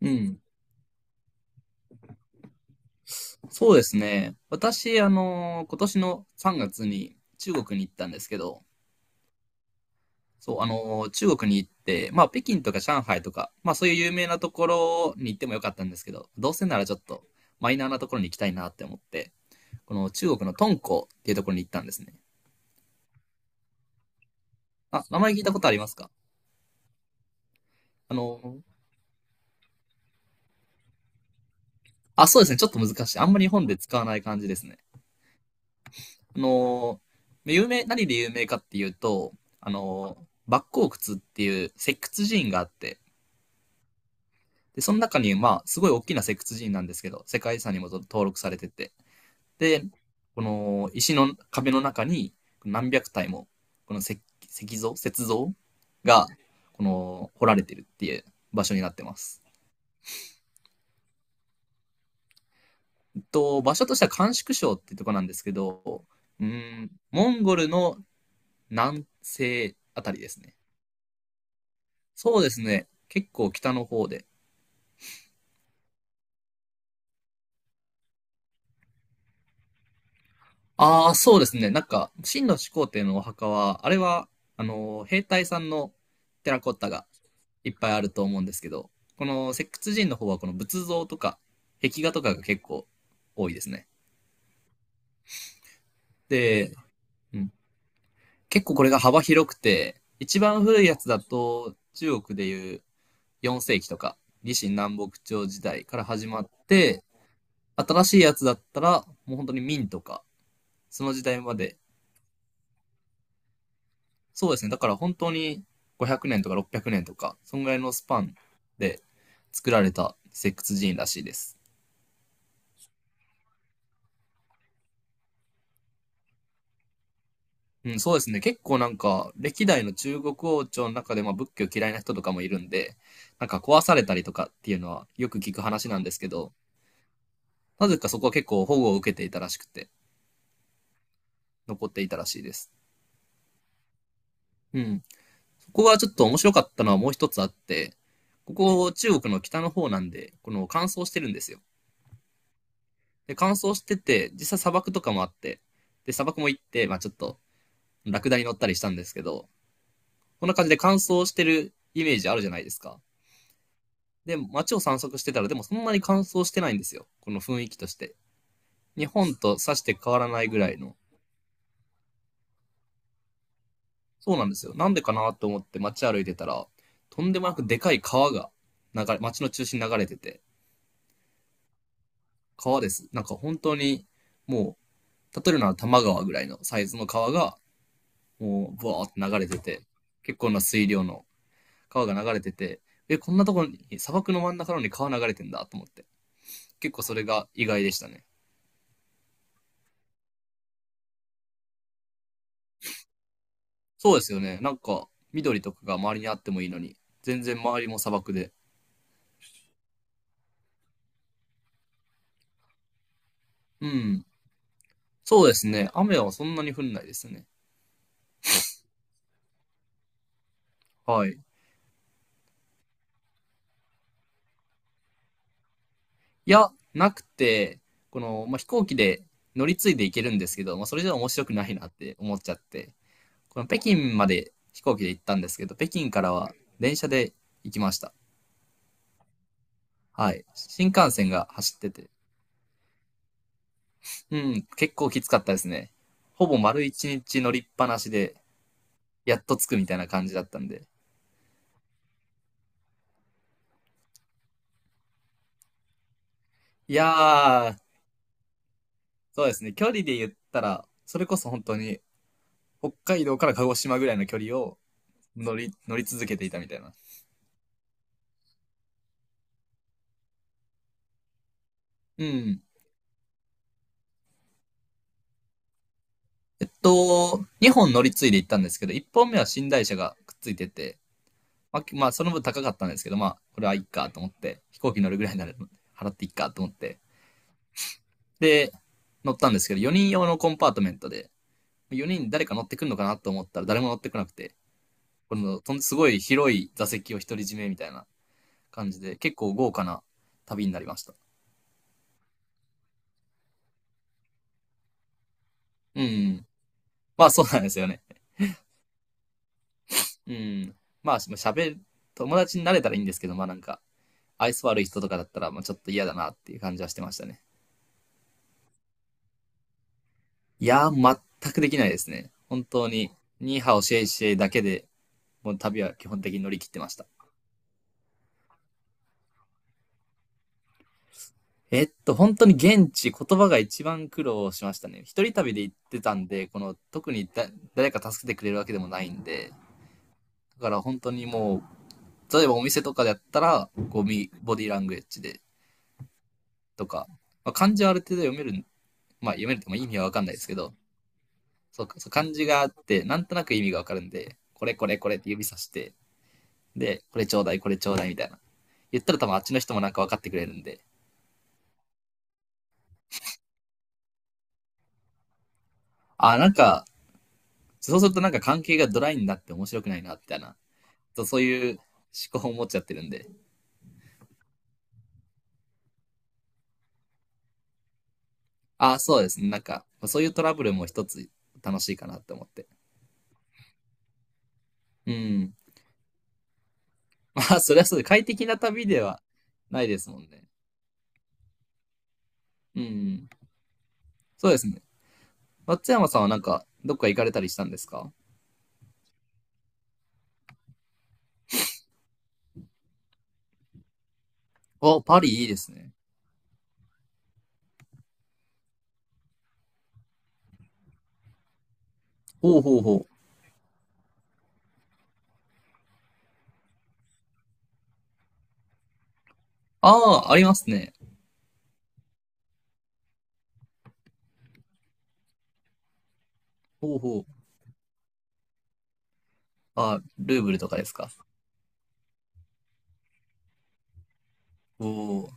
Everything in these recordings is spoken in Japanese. うん。そうですね。私、今年の3月に中国に行ったんですけど、中国に行って、まあ、北京とか上海とか、まあ、そういう有名なところに行ってもよかったんですけど、どうせならちょっとマイナーなところに行きたいなって思って、この中国の敦煌っていうところに行ったんですね。あ、名前聞いたことありますか？あの、あ、そうですね。ちょっと難しい。あんまり日本で使わない感じですね。あの、有名、何で有名かっていうと、莫高窟っていう石窟寺院があって、で、その中に、まあ、すごい大きな石窟寺院なんですけど、世界遺産にも登録されてて、で、この石の壁の中に何百体も、この石像雪像が、この、掘られてるっていう場所になってます。えっと、場所としては甘粛省っていうとこなんですけど、うん、モンゴルの南西あたりですね。そうですね。結構北の方で、ああ、そうですね。なんか、秦の始皇帝のお墓は、あれは、兵隊さんのテラコッタがいっぱいあると思うんですけど、この石窟人の方は、この仏像とか、壁画とかが結構多いですね。で、うん、結構これが幅広くて、一番古いやつだと、中国でいう4世紀とか、李信南北朝時代から始まって、新しいやつだったら、もう本当に明とか、その時代まで。そうですね。だから本当に500年とか600年とか、そんぐらいのスパンで作られた石窟寺院らしいです。うん、そうですね。結構なんか、歴代の中国王朝の中で、まあ仏教嫌いな人とかもいるんで、なんか壊されたりとかっていうのはよく聞く話なんですけど、なぜかそこは結構保護を受けていたらしくて、残っていたらしいです。うん。そこがちょっと面白かったのはもう一つあって、ここ中国の北の方なんで、この乾燥してるんですよ。で、乾燥してて、実際砂漠とかもあって、で、砂漠も行って、まあちょっと、ラクダに乗ったりしたんですけど、こんな感じで乾燥してるイメージあるじゃないですか。で、街を散策してたら、でもそんなに乾燥してないんですよ。この雰囲気として。日本とさして変わらないぐらいの。そうなんですよ。なんでかなと思って街歩いてたら、とんでもなくでかい川が流れ、街の中心に流れてて、川です。なんか本当に、も例えるなら多摩川ぐらいのサイズの川が、もう、ブワーって流れてて、結構な水量の川が流れてて、え、こんなところに、砂漠の真ん中なのに川流れてんだと思って。結構それが意外でしたね。そうですよね。なんか、緑とかが周りにあってもいいのに、全然周りも砂漠で。うん。そうですね。雨はそんなに降んないですね。はい。いや、なくて、この、まあ、飛行機で乗り継いで行けるんですけど、まあ、それじゃ面白くないなって思っちゃって、この北京まで飛行機で行ったんですけど、北京からは電車で行きました。はい。新幹線が走ってて、うん、結構きつかったですね。ほぼ丸一日乗りっぱなしで、やっと着くみたいな感じだったんで。いやー、そうですね。距離で言ったら、それこそ本当に、北海道から鹿児島ぐらいの距離を乗り続けていたみたいな。うん。えっと、2本乗り継いで行ったんですけど、1本目は寝台車がくっついてて、まあ、その分高かったんですけど、まあ、これはいいかと思って、飛行機乗るぐらいなら払っていいかと思って。で、乗ったんですけど、4人用のコンパートメントで、4人誰か乗ってくんのかなと思ったら誰も乗ってこなくて、このとんすごい広い座席を独り占めみたいな感じで、結構豪華な旅になりました。うん。まあそうなんですよね。うん。まあ喋る、友達になれたらいいんですけど、まあなんか、愛想悪い人とかだったら、まあちょっと嫌だなっていう感じはしてましたね。いやー、全くできないですね。本当に、ニーハオシェイシェイだけで、もう旅は基本的に乗り切ってました。えっと、本当に現地、言葉が一番苦労しましたね。一人旅で行ってたんで、この、特にだ、誰か助けてくれるわけでもないんで、だから本当に例えばお店とかだったら、こう、みボディーラングエッジで、とか、まあ、漢字はある程度読める、まあ読めるっても意味はわかんないですけど、そうか、そう漢字があって、なんとなく意味がわかるんで、これこれこれって指さして、で、これちょうだい、これちょうだいみたいな。言ったら多分あっちの人もなんか分かってくれるんで、あー、なんか、そうするとなんか関係がドライになって面白くないな、みたいな。とそういう思考を持っちゃってるんで。あ、そうですね。なんか、そういうトラブルも一つ楽しいかなって思って。うん。まあ、それはそうで、快適な旅ではないですもんね。うん。そうですね。松山さんはなんか、どっか行かれたりしたんですか？あ、パリいいですね。ほうほうほう。ああ、ありますね。ほうほう。あ、ルーブルとかですか？おお。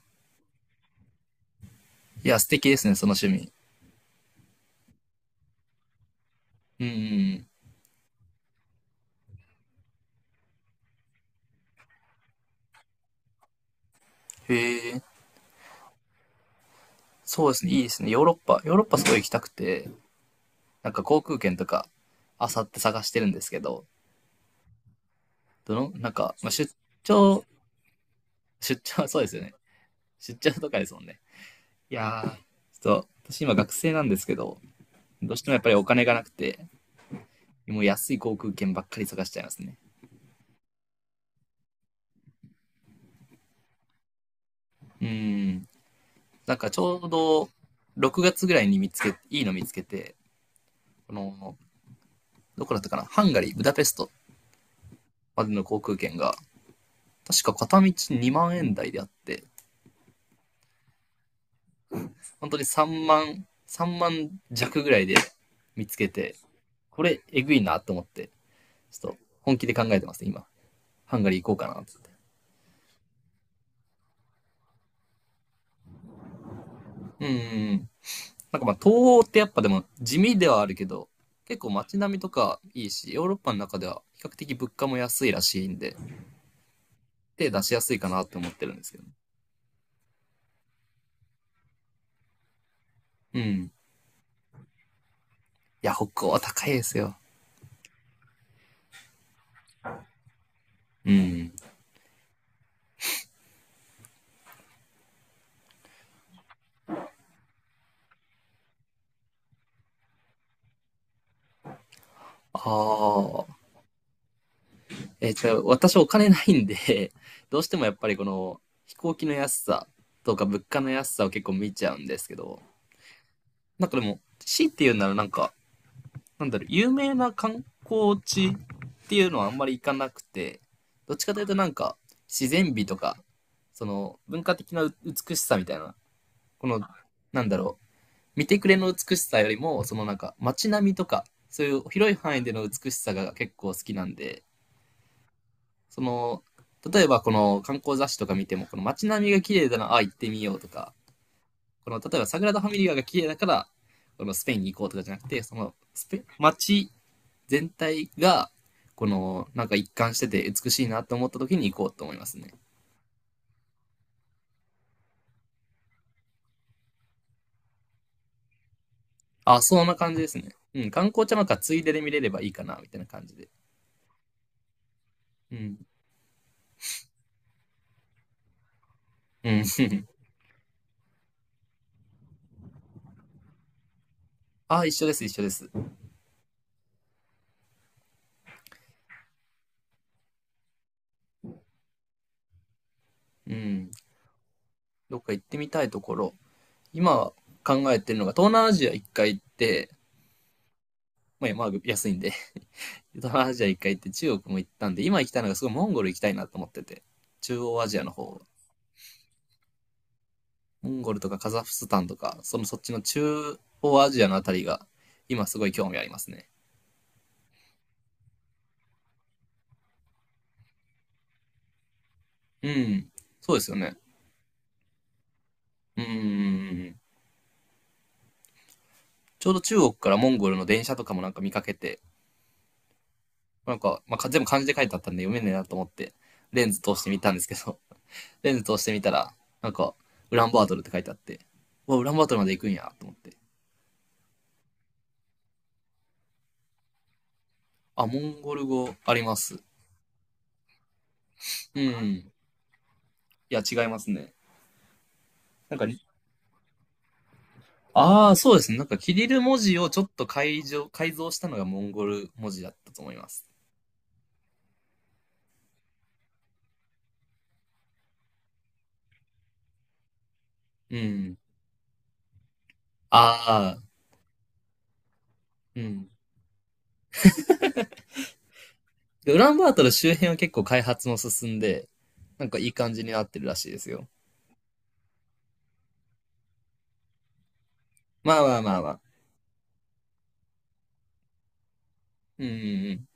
いや、素敵ですね、その趣味。うんうんうん。へえ、そうですね、いいですね。ヨーロッパ、ヨーロッパすごい行きたくて、なんか航空券とか、あさって探してるんですけど、どの、なんか、まあ、張、出張、そうですよね。出張とかですもんね。いやー、ちょっと、私今学生なんですけど、どうしてもやっぱりお金がなくて、もう安い航空券ばっかり探しちゃいますね。うーん。なんかちょうど、6月ぐらいに見つけ、いいの見つけて、この、どこだったかな、ハンガリー、ブダペストまでの航空券が、確か片道2万円台であって、本当に3万弱ぐらいで見つけて、これ、えぐいなと思って、ちょっと本気で考えてますね、今。ハンガリー行こうかなって。うんうんうん。なんかまあ、東欧ってやっぱでも地味ではあるけど、結構街並みとかいいし、ヨーロッパの中では比較的物価も安いらしいんで、手出しやすいかなって思ってるんですけどね。うん。いや、北欧は高いですよ。うん。ああ。えっと、私お金ないんで、どうしてもやっぱりこの飛行機の安さとか物価の安さを結構見ちゃうんですけど、なんかでも、C っていうならなんか、なんだろう、有名な観光地っていうのはあんまり行かなくて、どっちかというとなんか自然美とか、その文化的な美しさみたいな、この、なんだろう、見てくれの美しさよりも、そのなんか街並みとか、そういう広い範囲での美しさが結構好きなんで、その、例えばこの観光雑誌とか見ても、この街並みが綺麗だな、ああ行ってみようとか、この例えばサグラダ・ファミリアが綺麗だから、このスペインに行こうとかじゃなくて、そのスペ、街全体が、このなんか一貫してて美しいなと思った時に行こうと思いますね。あ、そんな感じですね。うん、観光茶なんかついでで見れればいいかな、みたいな感じで。うん。うん。あ、一緒です、一緒です。うん。どっか行ってみたいところ。今考えてるのが、東南アジア一回行って、まあ、安いんで、東南アジア一回行って中国も行ったんで、今行きたいのがすごいモンゴル行きたいなと思ってて。中央アジアの方。モンゴルとかカザフスタンとか、そのそっちの中央アジアのあたりが、今すごい興味ありますね。うん。そうですよね。うーん。ちょうど中国からモンゴルの電車とかもなんか見かけて、なんか、まあ、か全部漢字で書いてあったんで読めねえなと思って、レンズ通してみたんですけど、レンズ通してみたら、なんか、ウランバートルって書いてあって、うわ、ウランバートルまで行くんや、と思って。あ、モンゴル語あります。うん。いや、違いますね。なんかに、ああ、そうですね。なんか、キリル文字をちょっと改造したのがモンゴル文字だったと思います。うん。ああ、うん。で、ウランバートル周辺は結構開発も進んで、なんかいい感じになってるらしいですよ。まあまあまあまあ。うんうん